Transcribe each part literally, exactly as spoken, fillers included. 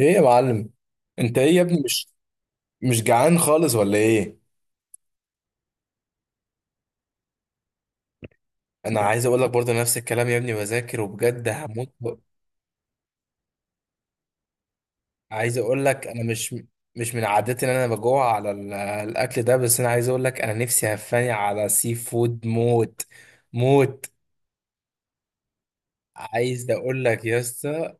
ايه يا معلم. انت ايه يا ابني مش مش جعان خالص ولا ايه؟ انا عايز اقول لك برضه نفس الكلام يا ابني، بذاكر وبجد هموت و- عايز اقول لك انا مش مش من عادتي ان انا بجوع على ال- الاكل ده، بس انا عايز اقول لك انا نفسي هفاني على سي فود موت موت. عايز اقول لك يا اسطى،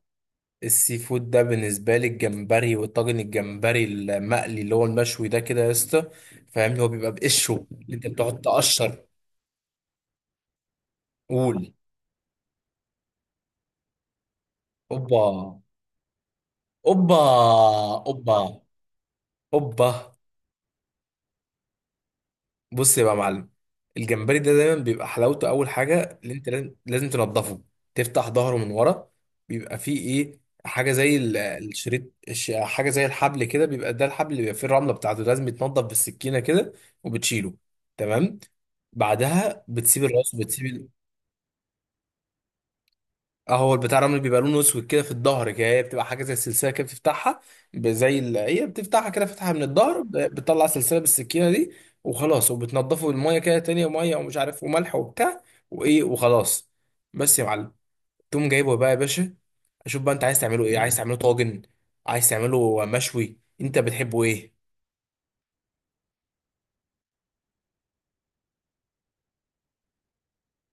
السي فود ده بالنسبه لي الجمبري، والطاجن، الجمبري المقلي اللي هو المشوي ده كده يا اسطى فاهمني، هو بيبقى بقشره اللي انت بتقعد تقشر. قول. اوبا، اوبا، اوبا، اوبا. بص يبقى يا معلم، الجمبري ده دايما بيبقى حلاوته اول حاجه اللي انت لازم لازم تنضفه. تفتح ظهره من ورا، بيبقى فيه ايه، حاجه زي ال- الشريط، الش- حاجه زي الحبل كده، بيبقى ده الحبل اللي بيبقى فيه الرمله بتاعته، لازم يتنضف بالسكينه كده وبتشيله. تمام. بعدها بتسيب الراس وبتسيب. اه، هو البتاع الرمل بيبقى لونه اسود كده في الظهر كده، هي بتبقى حاجه زي السلسله كده بتفتحها، ب- زي ال... هي بتفتحها كده، فتحها من الظهر ب- بتطلع سلسله بالسكينه دي، وخلاص. وبتنضفه بالميه كده، تانية ميه ومش عارف وملح وبتاع وايه، وخلاص. بس يا معلم تقوم جايبه بقى يا باشا. اشوف بقى، انت عايز تعمله ايه؟ عايز تعمله طاجن، عايز تعمله مشوي، انت بتحبه ايه؟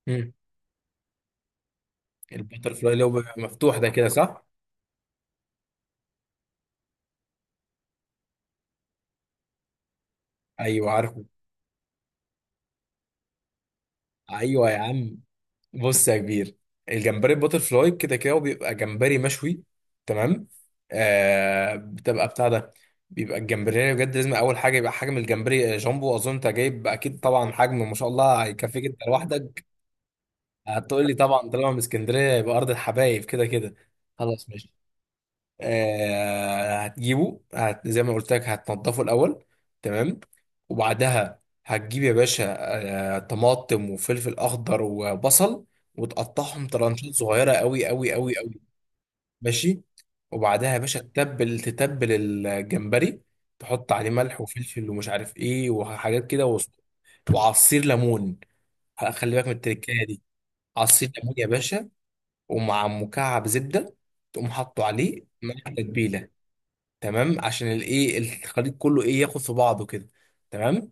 امم. البتر فلاي اللي هو بيبقى مفتوح ده كده، صح؟ ايوه عارفه. ايوه يا عم. بص يا كبير، الجمبري الباتر فلاي كده كده هو بيبقى جمبري مشوي. تمام. آه، بتبقى بتاع ده، بيبقى الجمبري يعني بجد لازم اول حاجه يبقى حجم الجمبري آه، جامبو. اظن انت جايب اكيد طبعا حجم ما شاء الله هيكفيك انت لوحدك. هتقول لي طبعا طالما من اسكندريه يبقى ارض الحبايب كده كده. خلاص ماشي. آه هتجيبه، هت زي ما قلت لك هتنضفه الاول. تمام. وبعدها هتجيب يا باشا آه طماطم وفلفل اخضر وبصل، وتقطعهم ترانشات صغيره قوي قوي قوي قوي. ماشي. وبعدها يا باشا تتبل تتبل الجمبري، تحط عليه ملح وفلفل ومش عارف ايه وحاجات كده وص- وعصير ليمون، خلي بالك من التركايه دي، عصير ليمون يا باشا، ومع مكعب زبده. تقوم حاطه عليه مع تتبيله. تمام، عشان الايه الخليط كله ايه ياخد في بعضه كده. تمام.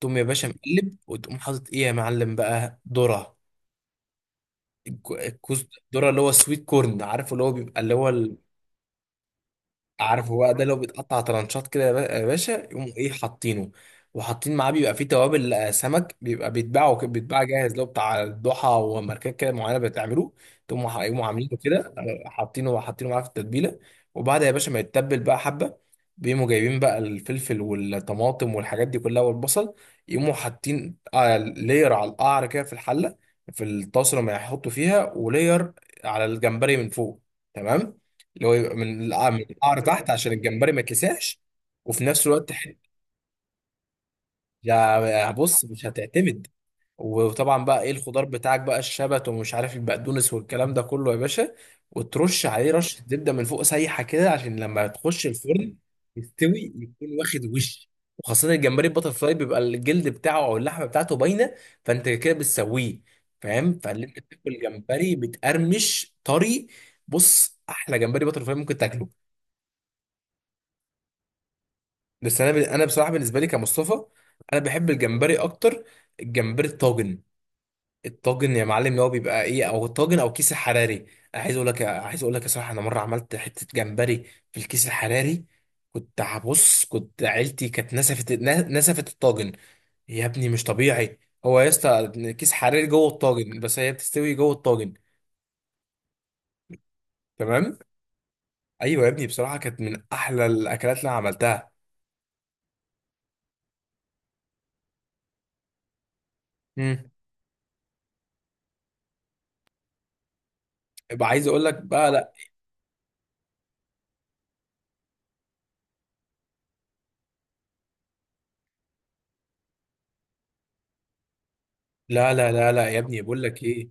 تقوم يا باشا مقلب، وتقوم حاطط ايه يا معلم بقى ذره، الك- الكوس. ذره اللي هو السويت كورن، عارف اللي هو بيبقى اللي هو ال- عارفه بقى، ده لو بيتقطع ترانشات كده يا با- يا باشا، يقوموا ايه حاطينه، وحاطين معاه بيبقى فيه توابل، آه، سمك بيبقى بيتباعوا ك- بيتباع جاهز، لو بتاع الضحى وماركات كده معينه بتعملوه. تقوموا ح- يقوموا عاملينه كده، آه، حاطينه حاطينه معاه في التتبيله. وبعد يا باشا ما يتبل بقى حبه، بيقوموا جايبين بقى الفلفل والطماطم والحاجات دي كلها والبصل، يقوموا حاطين آه، لير على القعر كده في الحله، في الطاسه اللي هيحطوا فيها، ولير على الجمبري من فوق. تمام. اللي هو يبقى من القع- من القعر تحت عشان الجمبري ما يتلسعش. وفي نفس الوقت حت- يا بص مش هتعتمد. وطبعا بقى ايه الخضار بتاعك بقى، الشبت ومش عارف البقدونس والكلام ده كله يا باشا، وترش عليه رشة زبدة من فوق سايحة كده عشان لما تخش الفرن يستوي يكون واخد وش. وخاصة الجمبري البتر فلاي بيبقى الجلد بتاعه او اللحمة بتاعته باينة، فانت كده بتسويه فاهم، فاللي انت بتاكل جمبري بتقرمش طري. بص، احلى جمبري بتر فلاي ممكن تاكله. بس انا ب... انا بصراحه بالنسبه لي كمصطفى انا بحب الجمبري اكتر، الجمبري الطاجن. الطاجن يا معلم اللي هو بيبقى ايه، او الطاجن او كيس الحراري. عايز اقول لك، عايز اقول لك يا صراحه انا مره عملت حته جمبري في الكيس الحراري، كنت هبص، كنت عيلتي كانت نسفت ن- نسفت الطاجن، يا ابني مش طبيعي. هو يا اسطى كيس حراري جوه الطاجن، بس هي بتستوي جوه الطاجن. تمام. ايوه يا ابني بصراحه كانت من احلى الاكلات اللي انا عملتها. امم. يبقى عايز اقول لك بقى، لا لا لا لا لا يا ابني، بقول لك ايه،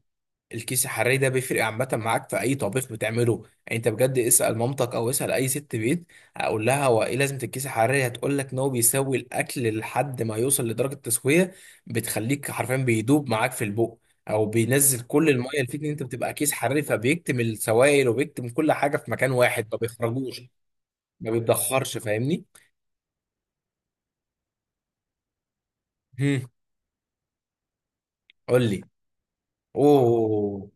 الكيس الحراري ده بيفرق عامة معاك في أي طبيخ بتعمله، يعني أنت بجد اسأل مامتك أو اسأل أي ست بيت، أقول لها هو إيه لازمة الكيس الحراري، هتقول لك إن هو بيسوي الأكل لحد ما يوصل لدرجة تسوية، بتخليك حرفيا بيدوب معاك في البق، أو بينزل كل المية اللي فيك، إن أنت بتبقى كيس حراري فبيكتم السوائل وبيكتم كل حاجة في مكان واحد ما بيخرجوش، ما بيتدخرش، فاهمني؟ هم، قول لي. أوه.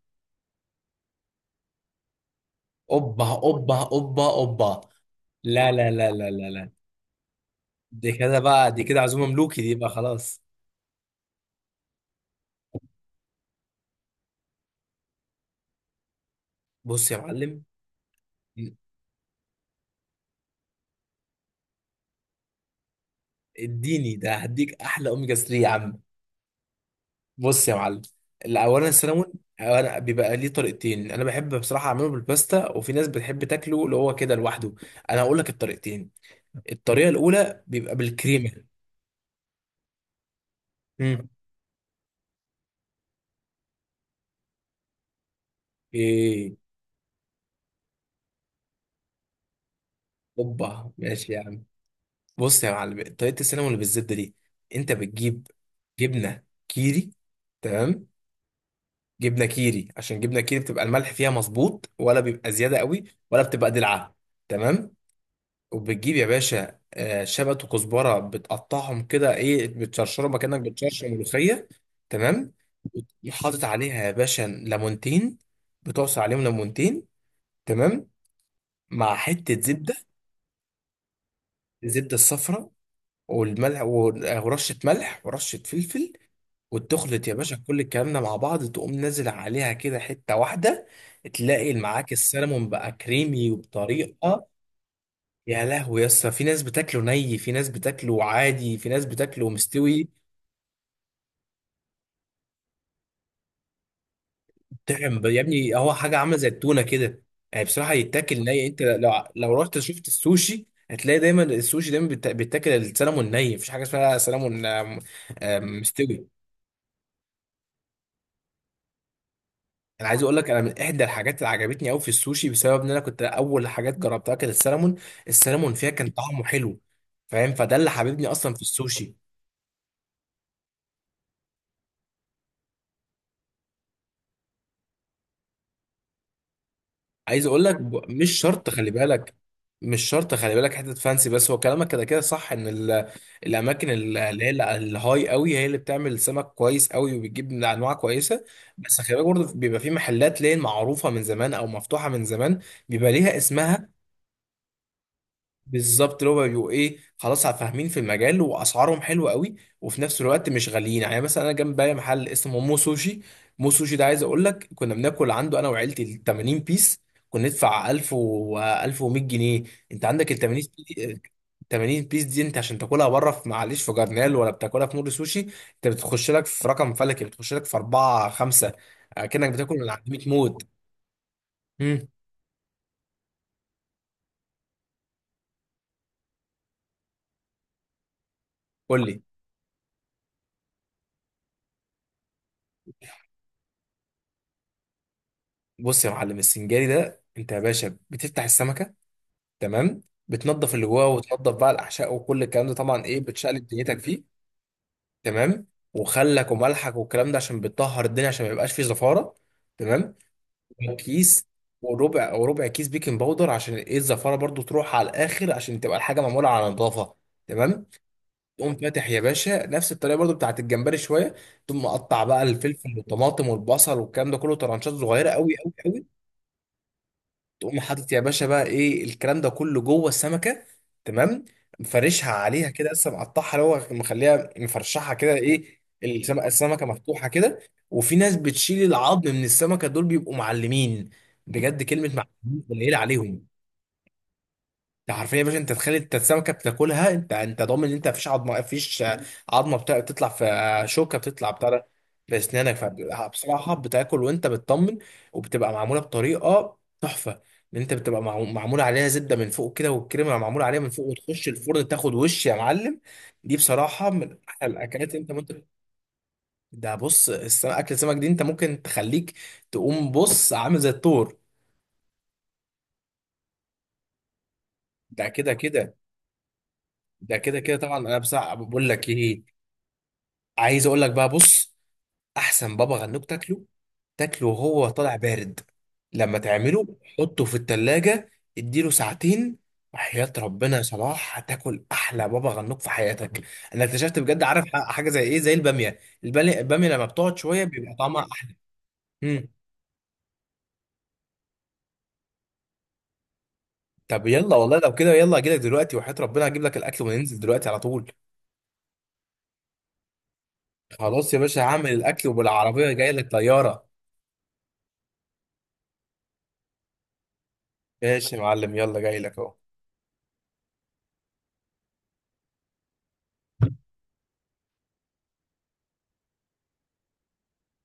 اوبا، اوبا، اوبا، اوبا. لا لا لا لا لا لا، دي كده بقى، دي كده عزومه ملوكي دي بقى خلاص. بص يا معلم، اديني ده هديك احلى اوميجا ثلاثة يا عم. بص يا معلم، الاولا السلمون، أنا بيبقى ليه طريقتين، انا بحب بصراحه اعمله بالباستا، وفي ناس بتحب تاكله اللي هو كده لوحده، انا هقول لك الطريقتين. الطريقه الاولى بيبقى بالكريمه. امم. ايه. اوبا ماشي يا عم. بص يا معلم، طريقة السينما اللي بالزبدة دي انت بتجيب جبنة كيري. تمام. جبنة كيري عشان جبنة كيري بتبقى الملح فيها مظبوط، ولا بيبقى زيادة قوي ولا بتبقى دلعة. تمام. وبتجيب يا باشا آه، شبت وكزبرة، بتقطعهم كده ايه بتشرشرهم كأنك بتشرشر ملوخية. تمام. وتقوم حاطط عليها يا باشا ليمونتين، بتعصر عليهم ليمونتين. تمام. مع حتة زبدة، الزبدة الصفراء، والملح، ورشة ملح ورشة فلفل، وتخلط يا باشا كل الكلام ده مع بعض، تقوم نازل عليها كده حتة واحدة، تلاقي معاك السلمون بقى كريمي وبطريقة. يا لهوي يا اسطى، في ناس بتاكله ني، في ناس بتاكله عادي، في ناس بتاكله مستوي. طعم يا ابني، هو حاجة عاملة زي التونة كده، يعني بصراحة يتاكل ني، انت لو، لو رحت شفت السوشي هتلاقي دايما السوشي دايما بيتا- بيتاكل السلمون ني، مفيش حاجة اسمها سلمون آم، آم، مستوي. انا عايز اقول لك انا من احدى الحاجات اللي عجبتني قوي في السوشي بسبب ان انا كنت اول حاجات جربتها كانت السلمون، السلمون فيها كان طعمه حلو، فاهم، فده اللي حببني اصلا في السوشي. عايز اقول لك ب- مش شرط خلي بالك، مش شرط خلي بالك حته فانسي بس، هو كلامك كده كده صح ان ال- الاماكن ال- اللي هي ال- الهاي قوي هي اللي بتعمل سمك كويس قوي وبتجيب من انواع كويسه. بس خلي بالك برضه بيبقى في محلات لين معروفه من زمان او مفتوحه من زمان بيبقى ليها اسمها. بالظبط اللي هو بيبقوا ايه خلاص فاهمين في المجال، واسعارهم حلوه قوي وفي نفس الوقت مش غاليين. يعني مثلا انا جنبي محل اسمه مو سوشي، مو سوشي ده عايز اقول لك كنا بناكل عنده انا وعيلتي ال 80 بيس، كنا ندفع ألف و ألف ومية جنيه. انت عندك ال تمانين بيس، تمانين بيس دي انت عشان تاكلها بره في معلش في جرنال ولا بتاكلها في نور سوشي انت بتخش لك في رقم فلكي، بتخش لك في أربعة خمسة كأنك بتاكل من عند مية موت. امم. قول لي. بص يا معلم، السنجاري ده انت يا باشا بتفتح السمكه. تمام. بتنظف اللي جواه، مم. وتنظف بقى الاحشاء وكل الكلام ده طبعا ايه بتشقلب دنيتك فيه. تمام. وخلك وملحك والكلام ده عشان بتطهر الدنيا عشان ما يبقاش فيه زفاره. تمام. وكيس، وربع وربع كيس بيكنج باودر عشان ايه الزفاره برضو تروح على الاخر عشان تبقى الحاجه معموله على نظافه. تمام. تقوم فاتح يا باشا نفس الطريقه برضو بتاعت الجمبري شويه. تقوم مقطع بقى الفلفل والطماطم والبصل والكلام ده كله طرنشات صغيره قوي قوي قوي. تقوم حاطط يا باشا بقى ايه الكلام ده كله جوه السمكه. تمام. مفرشها عليها كده لسه مقطعها، اللي هو مخليها مفرشحها كده ايه، السمكه السمكه مفتوحه كده. وفي ناس بتشيل العظم من السمكه دول بيبقوا معلمين، بجد كلمه معلمين قليله عليهم. ده حرفيا يا باشا انت تخيل انت السمكه بتاكلها انت، انت ضامن ان انت مفيش عظمه، مفيش عظمه بتا- بتطلع في آه، شوكه بتطلع بتاع ده في اسنانك، فبصراحه بتاكل وانت بتطمن. وبتبقى معموله بطريقه تحفه ان انت بتبقى معمو- معمول عليها زبده من فوق كده والكريمه معمول عليها من فوق، وتخش الفرن تاخد وش يا معلم. دي بصراحه من احلى الاكلات اللي انت ممكن. ده بص الس- اكل السمك دي انت ممكن تخليك، تقوم بص عامل زي الطور. ده كده كده. ده كده كده طبعا، انا بصراحه بقول لك ايه، عايز اقول لك بقى بص، احسن بابا غنوج تاكله، تاكله وهو طالع بارد، لما تعمله حطه في التلاجة، اديله ساعتين، وحياة ربنا يا صلاح هتاكل احلى بابا غنوج في حياتك. انا اكتشفت بجد عارف، ح- حاجة زي ايه، زي البامية، البامية البامية لما بتقعد شوية بيبقى طعمها احلى. مم. طب يلا والله لو كده، يلا اجيلك دلوقتي، وحياة ربنا هجيب لك الاكل وننزل دلوقتي على طول. خلاص يا باشا هعمل الاكل وبالعربية جاي لك طيارة. ماشي يا معلم يلا جاي لك اهو.